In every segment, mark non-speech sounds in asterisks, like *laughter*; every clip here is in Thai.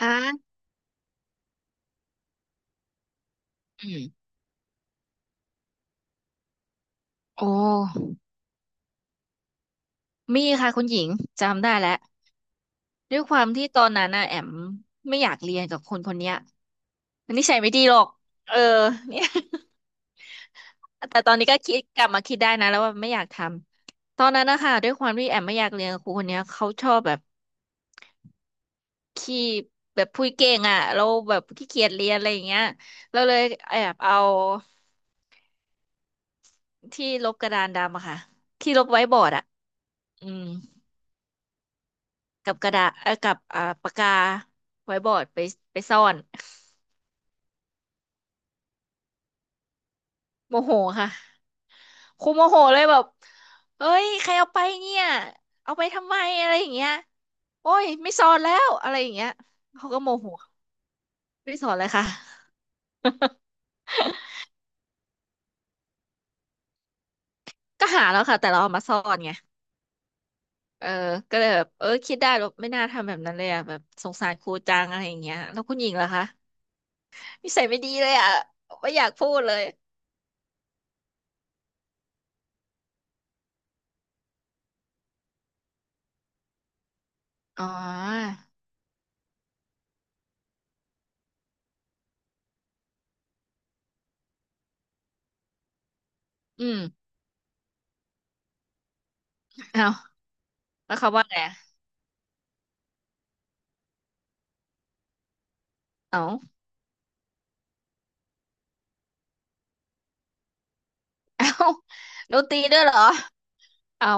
ฮะอืมโอ้มีค่ะคุณหญิงจำได้แล้วด้วยความที่ตอนนั้นน่ะแอมไม่อยากเรียนกับคนคนเนี้ยมันนิสัยไม่ดีหรอกเออเนี่ย *laughs* แต่ตอนนี้ก็คิดกลับมาคิดได้นะแล้วว่าไม่อยากทำตอนนั้นนะคะด้วยความที่แอมไม่อยากเรียนกับครูคนเนี้ยเขาชอบแบบขี้แบบพูดเก่งอ่ะเราแบบขี้เกียจเรียนอะไรอย่างเงี้ยเราเลยแอบเอาที่ลบกระดานดำอะค่ะที่ลบไว้บอร์ดอะอืม กับกระดาษกับปากกาไว้บอร์ดไปไปซ่อน *laughs* โมโหค่ะครูโมโหเลยแบบเอ้ยใครเอาไปเนี่ยเอาไปทำไมอะไรอย่างเงี้ยโอ้ยไม่สอนแล้วอะไรอย่างเงี้ยเขาก็โมโหไม่ไ้สอนเลยค่ะ *laughs* ก็หาแล้วค่ะแต่เราเอามาซ่อนไงเออก็เลยแบบเออคิดได้แบบไม่น่าทำแบบนั้นเลยอ่ะแบบสงสารครูจังอะไรอย่างเงี้ยแล้วคุณหญิงล่ะคะนิสัยไม่ดีเลยอ่ะไม่อยากพูดเลยอ๋ออืมเอาแล้วเขาว่าไงอะเอา เอ้าโดนตีด้วยเหรอเอา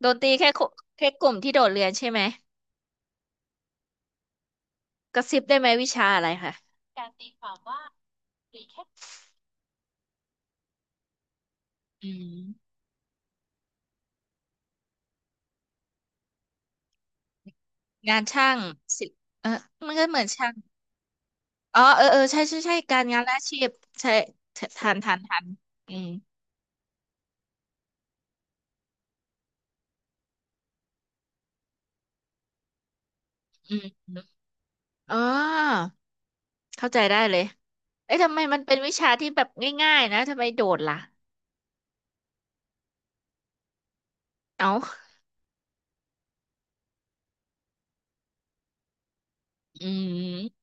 โดนตีแค่คุแค่กลุ่มที่โดดเรียนใช่ไหมกระซิบได้ไหมวิชาอะไรคะการตีความว่าหรือแค่อืมงานช่างศิลป์เออมันก็เหมือนช่างอ๋อเออเออใช่ใช่ใช่การงานและอาชีพใช่ทันทันทันอืมอืมอมอ๋อเข้าใจได้เลยเอ๊ะทำไมมันเป็นวิชาที่แบบง่ายๆนะทำไมโดดล่ะเอ้าอืม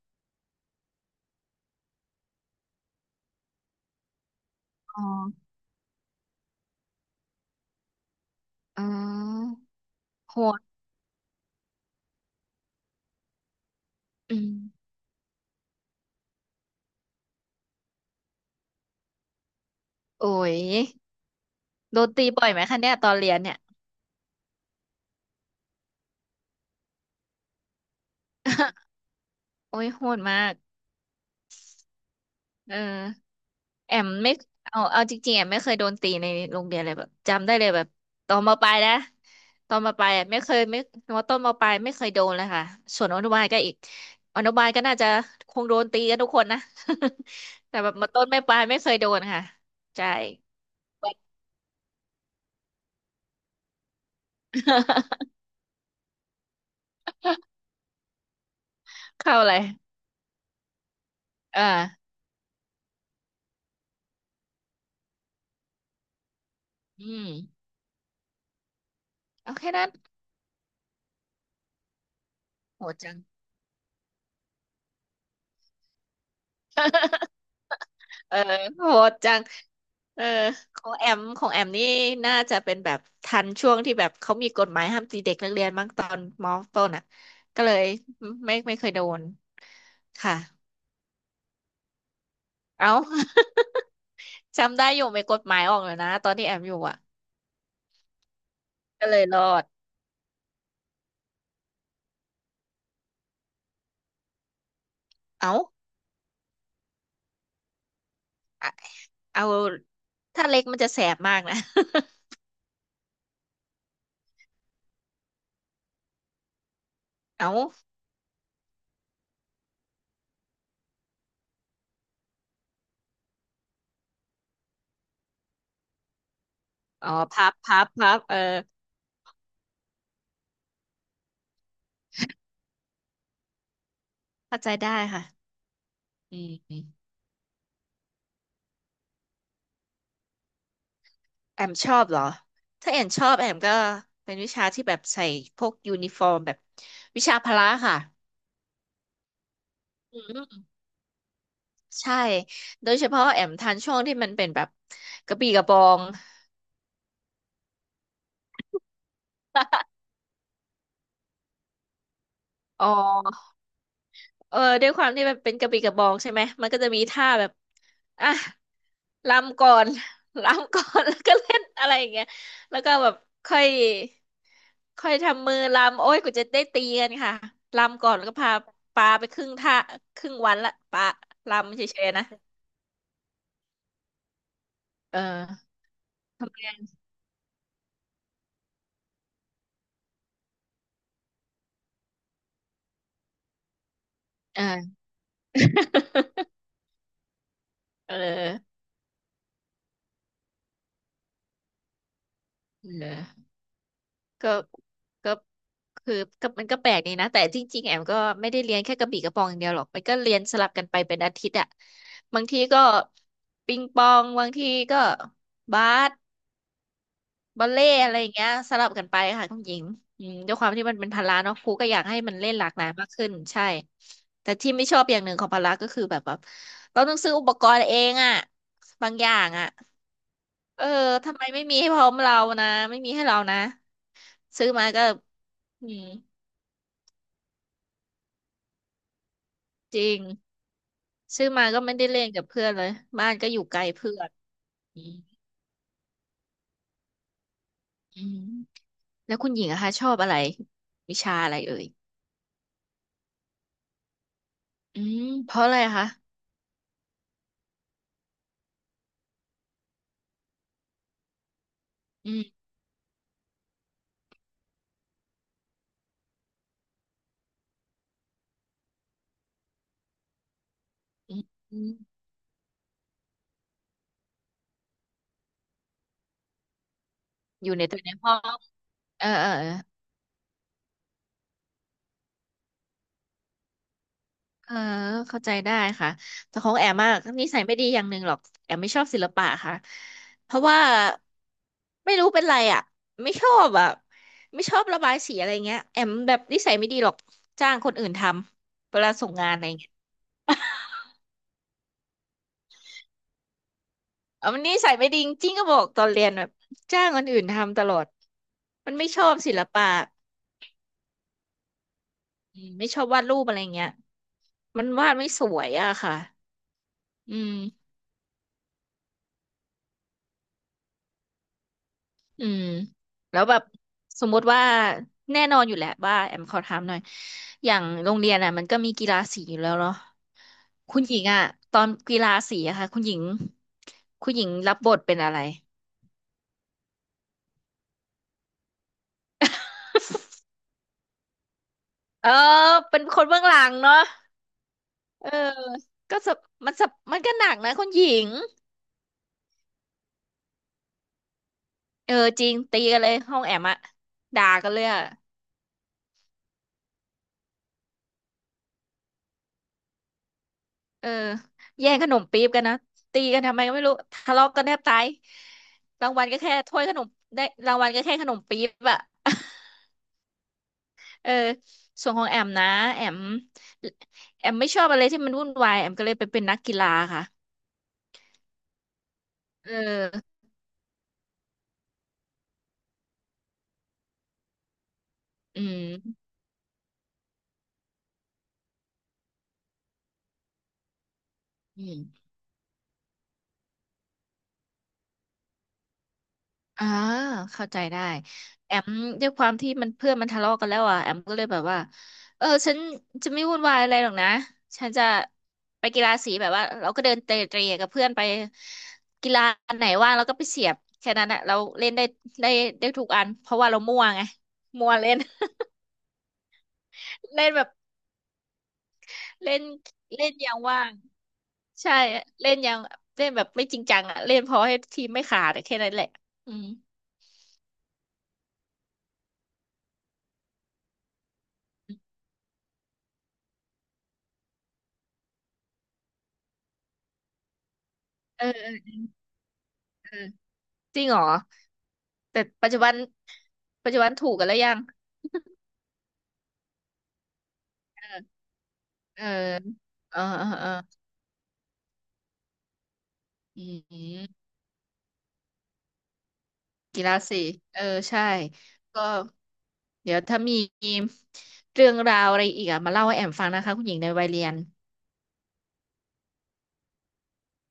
อ๋ออ๋อโหดอืมโอ้ย โดนตีบ่อยไหมคะเนี่ยตอนเรียนเนี่ย *laughs* โอ้ยโหดมากเออแอมไม่เอาเอาจริงๆแอมไม่เคยโดนตีในโรงเรียนเลยแบบจำได้เลยแบบตอนมปลายนะตอนมปลายอะไม่เคยไม่มต้นมปลายไม่เคยโดนเลยค่ะส่วนอนุบาลก็อีกอนุบาลก็น่าจะคงโดนตีกันทุกคนนะ *laughs* แต่แบบมต้นไม่ปลายไม่เคยโดนค่ะใช่ *laughs* เข้าเลยเอออืมโอเคนั้นโหดจัง เออโหดจังเออของแอมของแอมนี่น่าจะเป็นแบบทันช่วงที่แบบเขามีกฎหมายห้ามตีเด็กนักเรียนมั้งตอนมอต้นอ่ะก็เลยไม่ไม่เคยโดนค่ะเอ้า *laughs* จำได้อยู่มีกฎหมายออกเลยนะตอนที่แอมอยู่อ่ะก็เลยรอดเอ้าอะเอาถ้าเล็กมันจะแสบมากนะ *laughs* เอ้าอ๋อพับพับพับเออเข้าใจได้ค่ะอืม แอมชอบเหรอ ถ้าแอมชอบแอมก็เป็นวิชาที่แบบใส่พวกยูนิฟอร์มแบบวิชาพละค่ะอืมใช่ โดยเฉพาะแอมทันช่วงที่มันเป็นแบบกระบี่กระบอง อ๋อ เออ ด้วยความที่มันเป็นกระบี่กระบองใช่ไหม มันก็จะมีท่าแบบอ่ะ รำก่อน *laughs* รำก่อน *laughs* แล้วก็เล่นอะไรอย่างเงี้ยแล้วก็แบบค่อยค่อยทำมือรำโอ้ยกูจะได้ตีกันค่ะรำก่อนแล้วก็พาปาไปครึ่งท่าครึ่งวันละปารำเฉยๆนะเออทำไมเออ *laughs* เออเออก็ก็คือก็มันก็แปลกดีนะแต่จริงๆแอมก็ไม่ได้เรียนแค่กระบี่กระบองอย่างเดียวหรอกมันก็เรียนสลับกันไปเป็นอาทิตย์อะบางทีก็ปิงปองบางทีก็บาส บอลเล่ต์อะไรอย่างเงี้ยสลับกันไปค่ะคุณหญิงอืมด้วยความที่มันเป็นพละเนาะครูก็อยากให้มันเล่นหลากหลายมากขึ้นใช่แต่ที่ไม่ชอบอย่างหนึ่งของพละก็คือแบบแบบเราต้องซื้ออุปกรณ์เองอะบางอย่างอะเออทำไมไม่มีให้พร้อมเรานะไม่มีให้เรานะซื้อมาก็อืมจริงซื้อมาก็ไม่ได้เล่นกับเพื่อนเลยบ้านก็อยู่ไกลเพื่อนอืมอืมแล้วคุณหญิงอะคะชอบอะไรวิชาอะไรเอ่ยอืมเพราะอะไรคะอืมอืม อยู่ในตัวในห้องเออเออเออเออเข้าใจได้ค่ะแต่ของแอมมากนิสัยไม่ดีอย่างหนึ่งหรอกแอมไม่ชอบศิลปะค่ะเพราะว่าไม่รู้เป็นไรอ่ะไม่ชอบอ่ะไม่ชอบระบายสีอะไรเงี้ยแอมแบบนิสัยไม่ดีหรอกจ้างคนอื่นทำเวลาส่งงานอะไรเงี้ยเอามันนิสัยไม่ดีจริงๆก็บอกตอนเรียนแบบจ้างคนอื่นทำตลอดมันไม่ชอบศิลปะอืมไม่ชอบวาดรูปอะไรเงี้ยมันวาดไม่สวยอะค่ะอืม อืมแล้วแบบสมมติว่าแน่นอนอยู่แหละว่าแอมขอถามหน่อยอย่างโรงเรียนอ่ะมันก็มีกีฬาสีอยู่แล้วเนาะคุณหญิงอ่ะตอนกีฬาสีอะค่ะคุณหญิงคุณหญิงรับบทเป็นอะไรเออเป็นคนเบื้องหลังเนาะเออก็สับมันสับมันก็หนักนะคุณหญิงเออจริงตีกันเลยห้องแอมอะด่ากันเลยอะ เออแย่งขนมปี๊บกันนะตีกันทำไมก็ไม่รู้ทะเลาะกันแทบตายรางวัลก็แค่ถ้วยขนมได้รางวัลก็แค่ขนมปี๊บอะ *laughs* เออส่วนของแอมนะแอมแอมไม่ชอบอะไรที่มันวุ่นวายแอมก็เลยไปเป็นนักกีฬาค่ะเอออืมอืม อ่าเข้าใจได้แอมด้วยความที่มันเพื่อนมันทะเลาะกันแล้วอ่ะแอมก็เลยแบบว่าเออฉันจะไม่วุ่นวายอะไรหรอกนะฉันจะไปกีฬาสีแบบว่าเราก็เดินเตะเตะกับเพื่อนไปกีฬาอันไหนว่างเราก็ไปเสียบแค่นั้นอ่ะเราเล่นได้ได้ได้ทุกอันเพราะว่าเรามั่วไงมั่วเล่น *laughs* เล่นแบบเล่นเล่นอย่างว่างใช่เล่นอย่างเล่นแบบไม่จริงจังอ่ะเล่นพอให้ทีมไม่ขาดอะแค่นั้นแหละอืมเออเออเออจริงเหรอ แต่ปัจจุบันปัจจุบันถูกกันแล้วยังเออเออเออเอออืมกีฬาสีเออใช่ก็เดี๋ยวถ้ามีเรื่องราวอะไรอีกอ่ะมาเล่าให้แอมฟังนะคะคุณหญิงในวัยเรียน